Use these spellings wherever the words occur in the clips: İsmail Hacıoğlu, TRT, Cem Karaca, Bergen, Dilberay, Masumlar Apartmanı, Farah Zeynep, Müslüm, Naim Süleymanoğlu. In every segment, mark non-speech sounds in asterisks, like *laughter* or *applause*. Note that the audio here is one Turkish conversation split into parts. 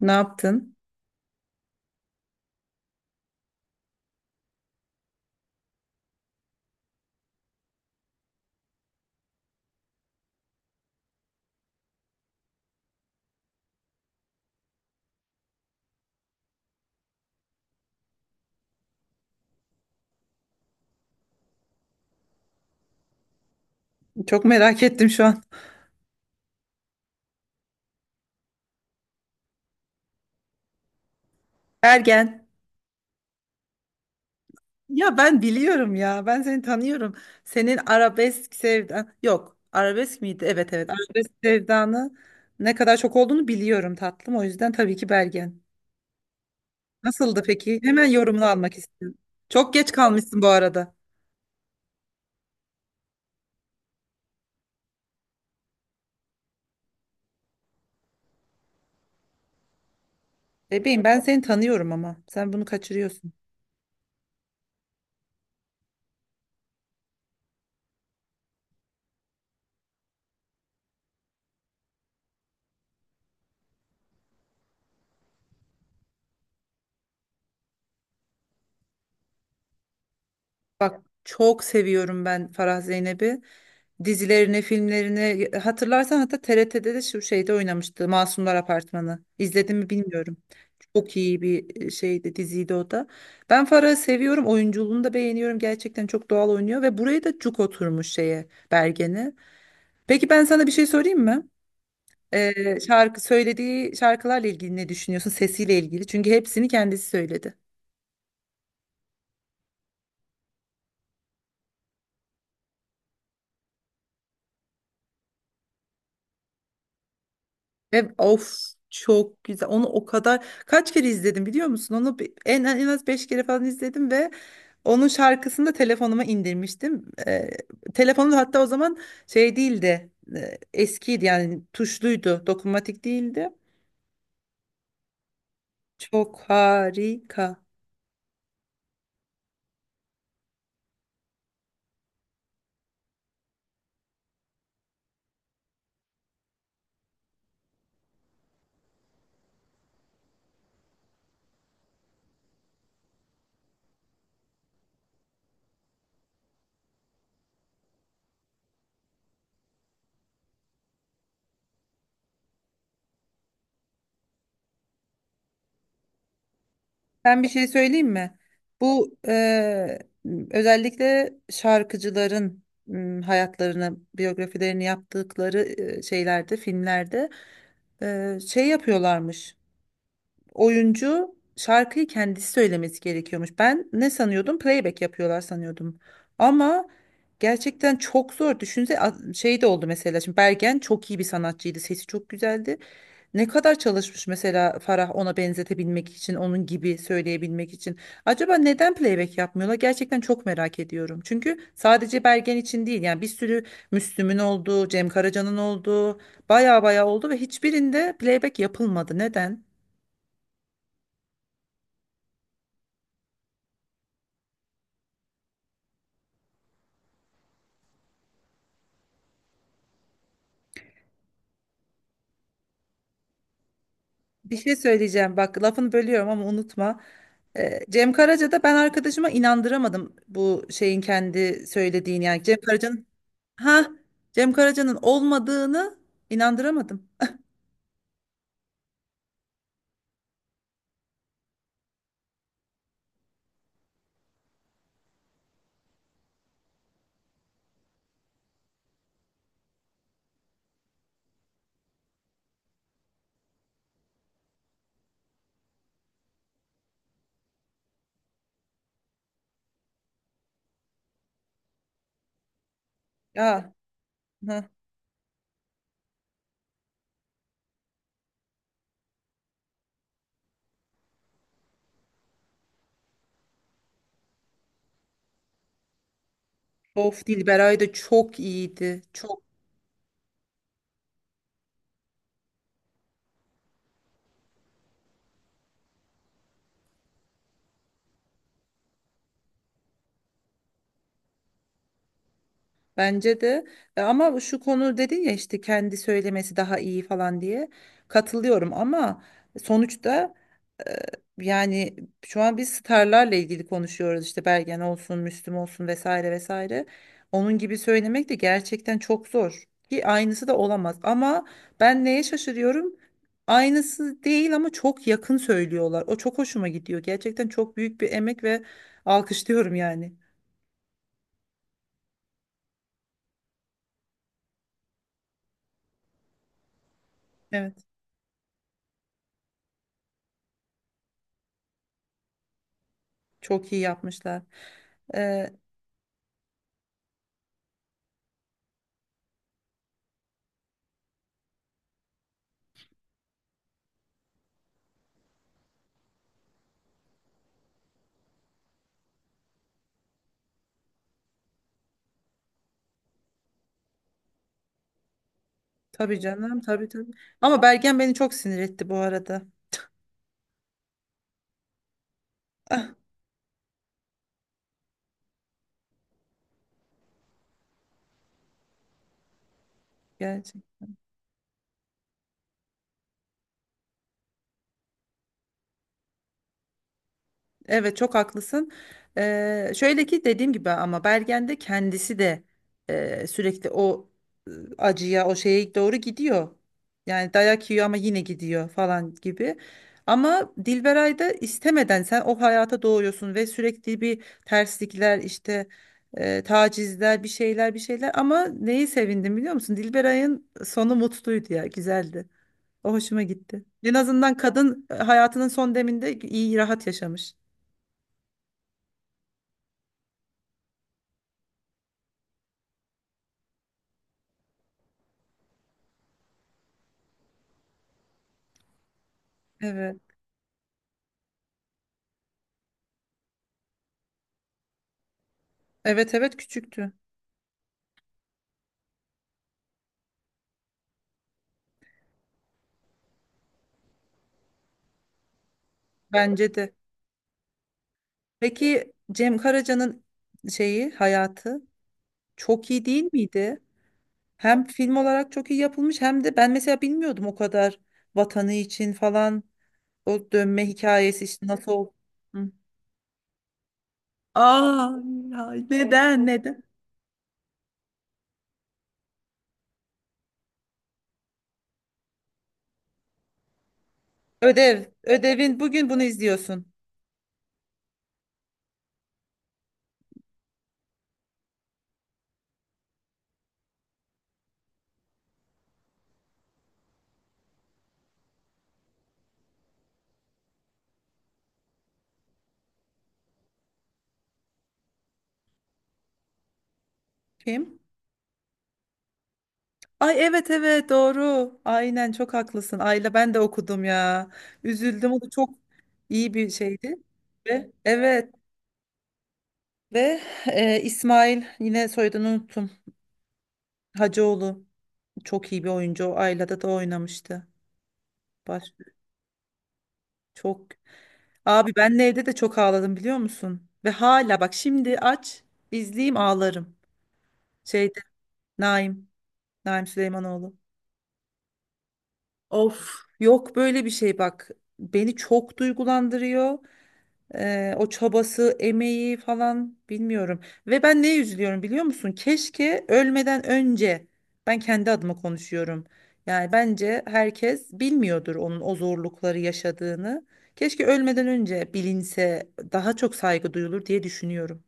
Ne yaptın? Çok merak ettim şu an. Ergen. Ya ben biliyorum ya. Ben seni tanıyorum. Senin arabesk sevdan yok. Arabesk miydi? Evet, evet. Arabesk sevdanı ne kadar çok olduğunu biliyorum tatlım. O yüzden tabii ki Bergen. Nasıldı peki? Hemen yorumunu almak istiyorum. Çok geç kalmışsın bu arada. Bebeğim ben seni tanıyorum ama. Sen bunu kaçırıyorsun. Bak çok seviyorum ben Farah Zeynep'i, dizilerini, filmlerini. Hatırlarsan, hatta TRT'de de şu şeyde oynamıştı, Masumlar Apartmanı. İzledim mi bilmiyorum. Çok iyi bir şeydi, diziydi o da. Ben Farah'ı seviyorum, oyunculuğunu da beğeniyorum. Gerçekten çok doğal oynuyor ve buraya da cuk oturmuş şeye, Bergen'e. Peki ben sana bir şey sorayım mı? Şarkı söylediği şarkılarla ilgili ne düşünüyorsun? Sesiyle ilgili. Çünkü hepsini kendisi söyledi. Ve of, çok güzel. Onu o kadar kaç kere izledim biliyor musun? Onu en az 5 kere falan izledim ve onun şarkısını da telefonuma indirmiştim. Telefonum da hatta o zaman şey değildi. Eskiydi yani, tuşluydu. Dokunmatik değildi. Çok harika. Ben bir şey söyleyeyim mi? Bu özellikle şarkıcıların hayatlarını, biyografilerini yaptıkları şeylerde, filmlerde şey yapıyorlarmış. Oyuncu şarkıyı kendisi söylemesi gerekiyormuş. Ben ne sanıyordum? Playback yapıyorlar sanıyordum. Ama gerçekten çok zor. Şey de oldu mesela. Şimdi Bergen çok iyi bir sanatçıydı. Sesi çok güzeldi. Ne kadar çalışmış mesela Farah, ona benzetebilmek için, onun gibi söyleyebilmek için. Acaba neden playback yapmıyorlar? Gerçekten çok merak ediyorum. Çünkü sadece Bergen için değil, yani bir sürü Müslüm'ün olduğu, Cem Karaca'nın olduğu, baya baya oldu ve hiçbirinde playback yapılmadı. Neden? Bir şey söyleyeceğim bak, lafını bölüyorum ama unutma. Cem Karaca'da ben arkadaşıma inandıramadım bu şeyin kendi söylediğini, yani ha Cem Karaca'nın olmadığını inandıramadım. Ya, ha. Of, Dilberay da çok iyiydi. Çok. Bence de. Ama şu konu, dedin ya işte kendi söylemesi daha iyi falan diye, katılıyorum ama sonuçta, yani şu an biz starlarla ilgili konuşuyoruz işte, Bergen olsun, Müslüm olsun, vesaire vesaire. Onun gibi söylemek de gerçekten çok zor, ki aynısı da olamaz. Ama ben neye şaşırıyorum? Aynısı değil ama çok yakın söylüyorlar. O çok hoşuma gidiyor. Gerçekten çok büyük bir emek ve alkışlıyorum yani. Evet, çok iyi yapmışlar. Ee, tabii canım, tabii tabii. Ama Bergen beni çok sinir etti bu arada. Ah, gerçekten. Evet, çok haklısın. Şöyle ki, dediğim gibi, ama Bergen de kendisi de sürekli o e, acıya, o şeye doğru gidiyor. Yani dayak yiyor ama yine gidiyor falan gibi. Ama Dilberay da, istemeden sen o hayata doğuyorsun ve sürekli bir terslikler, işte tacizler, bir şeyler bir şeyler, ama neyi sevindim biliyor musun? Dilberay'ın sonu mutluydu ya, güzeldi. O hoşuma gitti. En azından kadın, hayatının son deminde iyi, rahat yaşamış. Evet. Evet, evet, küçüktü. Bence de. Peki Cem Karaca'nın şeyi, hayatı çok iyi değil miydi? Hem film olarak çok iyi yapılmış, hem de ben mesela bilmiyordum o kadar, vatanı için falan, o dönme hikayesi işte nasıl oldu. Hı. Aa, ya neden neden? Ödev. Ödevin bugün bunu izliyorsun. Kim? Ay, evet evet, doğru. Aynen, çok haklısın. Ayla, ben de okudum ya. Üzüldüm. O da çok iyi bir şeydi. Ve evet, ve İsmail, yine soyadını unuttum. Hacıoğlu, çok iyi bir oyuncu. O Ayla'da da oynamıştı. Baş Çok. Abi, ben neyde de çok ağladım biliyor musun? Ve hala bak, şimdi aç izleyeyim, ağlarım. Şeyde, Naim Naim Süleymanoğlu. Of, yok böyle bir şey bak. Beni çok duygulandırıyor. O çabası, emeği falan, bilmiyorum. Ve ben neye üzülüyorum biliyor musun? Keşke ölmeden önce, ben kendi adıma konuşuyorum, yani bence herkes bilmiyordur onun o zorlukları yaşadığını. Keşke ölmeden önce bilinse, daha çok saygı duyulur diye düşünüyorum.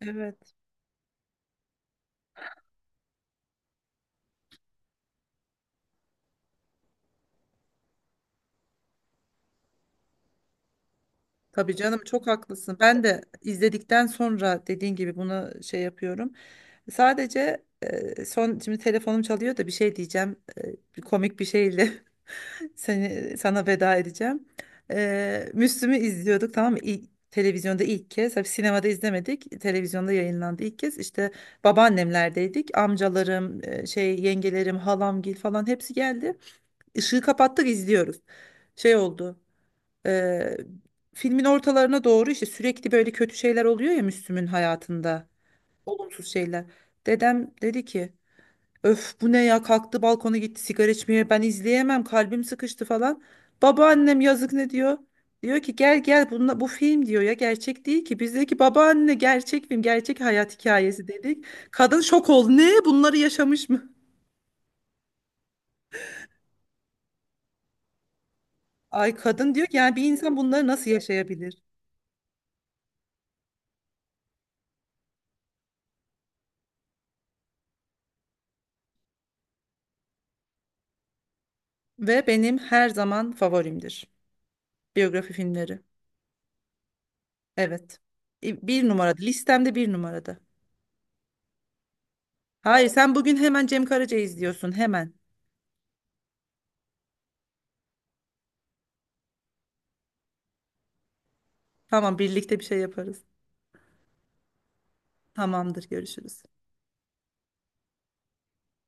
Evet. Tabii canım, çok haklısın. Ben de izledikten sonra, dediğin gibi, buna şey yapıyorum. Sadece son, şimdi telefonum çalıyor da, bir şey diyeceğim. E, bir komik bir şeyle *laughs* seni, sana veda edeceğim. Müslüm'ü izliyorduk, tamam mı? İlk, televizyonda ilk kez. Tabii sinemada izlemedik. Televizyonda yayınlandı ilk kez. İşte babaannemlerdeydik. Amcalarım, şey, yengelerim, halamgil falan hepsi geldi. Işığı kapattık, izliyoruz. Şey oldu. e, Filmin ortalarına doğru, işte sürekli böyle kötü şeyler oluyor ya Müslüm'ün hayatında. Olumsuz şeyler. Dedem dedi ki, "Öf, bu ne ya," kalktı, balkona gitti sigara içmeye, "Ben izleyemem, kalbim sıkıştı," falan. Babaannem, yazık, ne diyor? Diyor ki, "Gel gel, bunla, bu film," diyor ya, "gerçek değil ki." Bizdeki babaanne, "Gerçek film, gerçek hayat hikayesi," dedik. Kadın şok oldu, ne, bunları yaşamış mı? Ay kadın diyor ki, yani bir insan bunları nasıl yaşayabilir? Ve benim her zaman favorimdir biyografi filmleri. Evet. Bir numarada, listemde bir numarada. Hayır, sen bugün hemen Cem Karaca izliyorsun, hemen. Tamam, birlikte bir şey yaparız. Tamamdır, görüşürüz.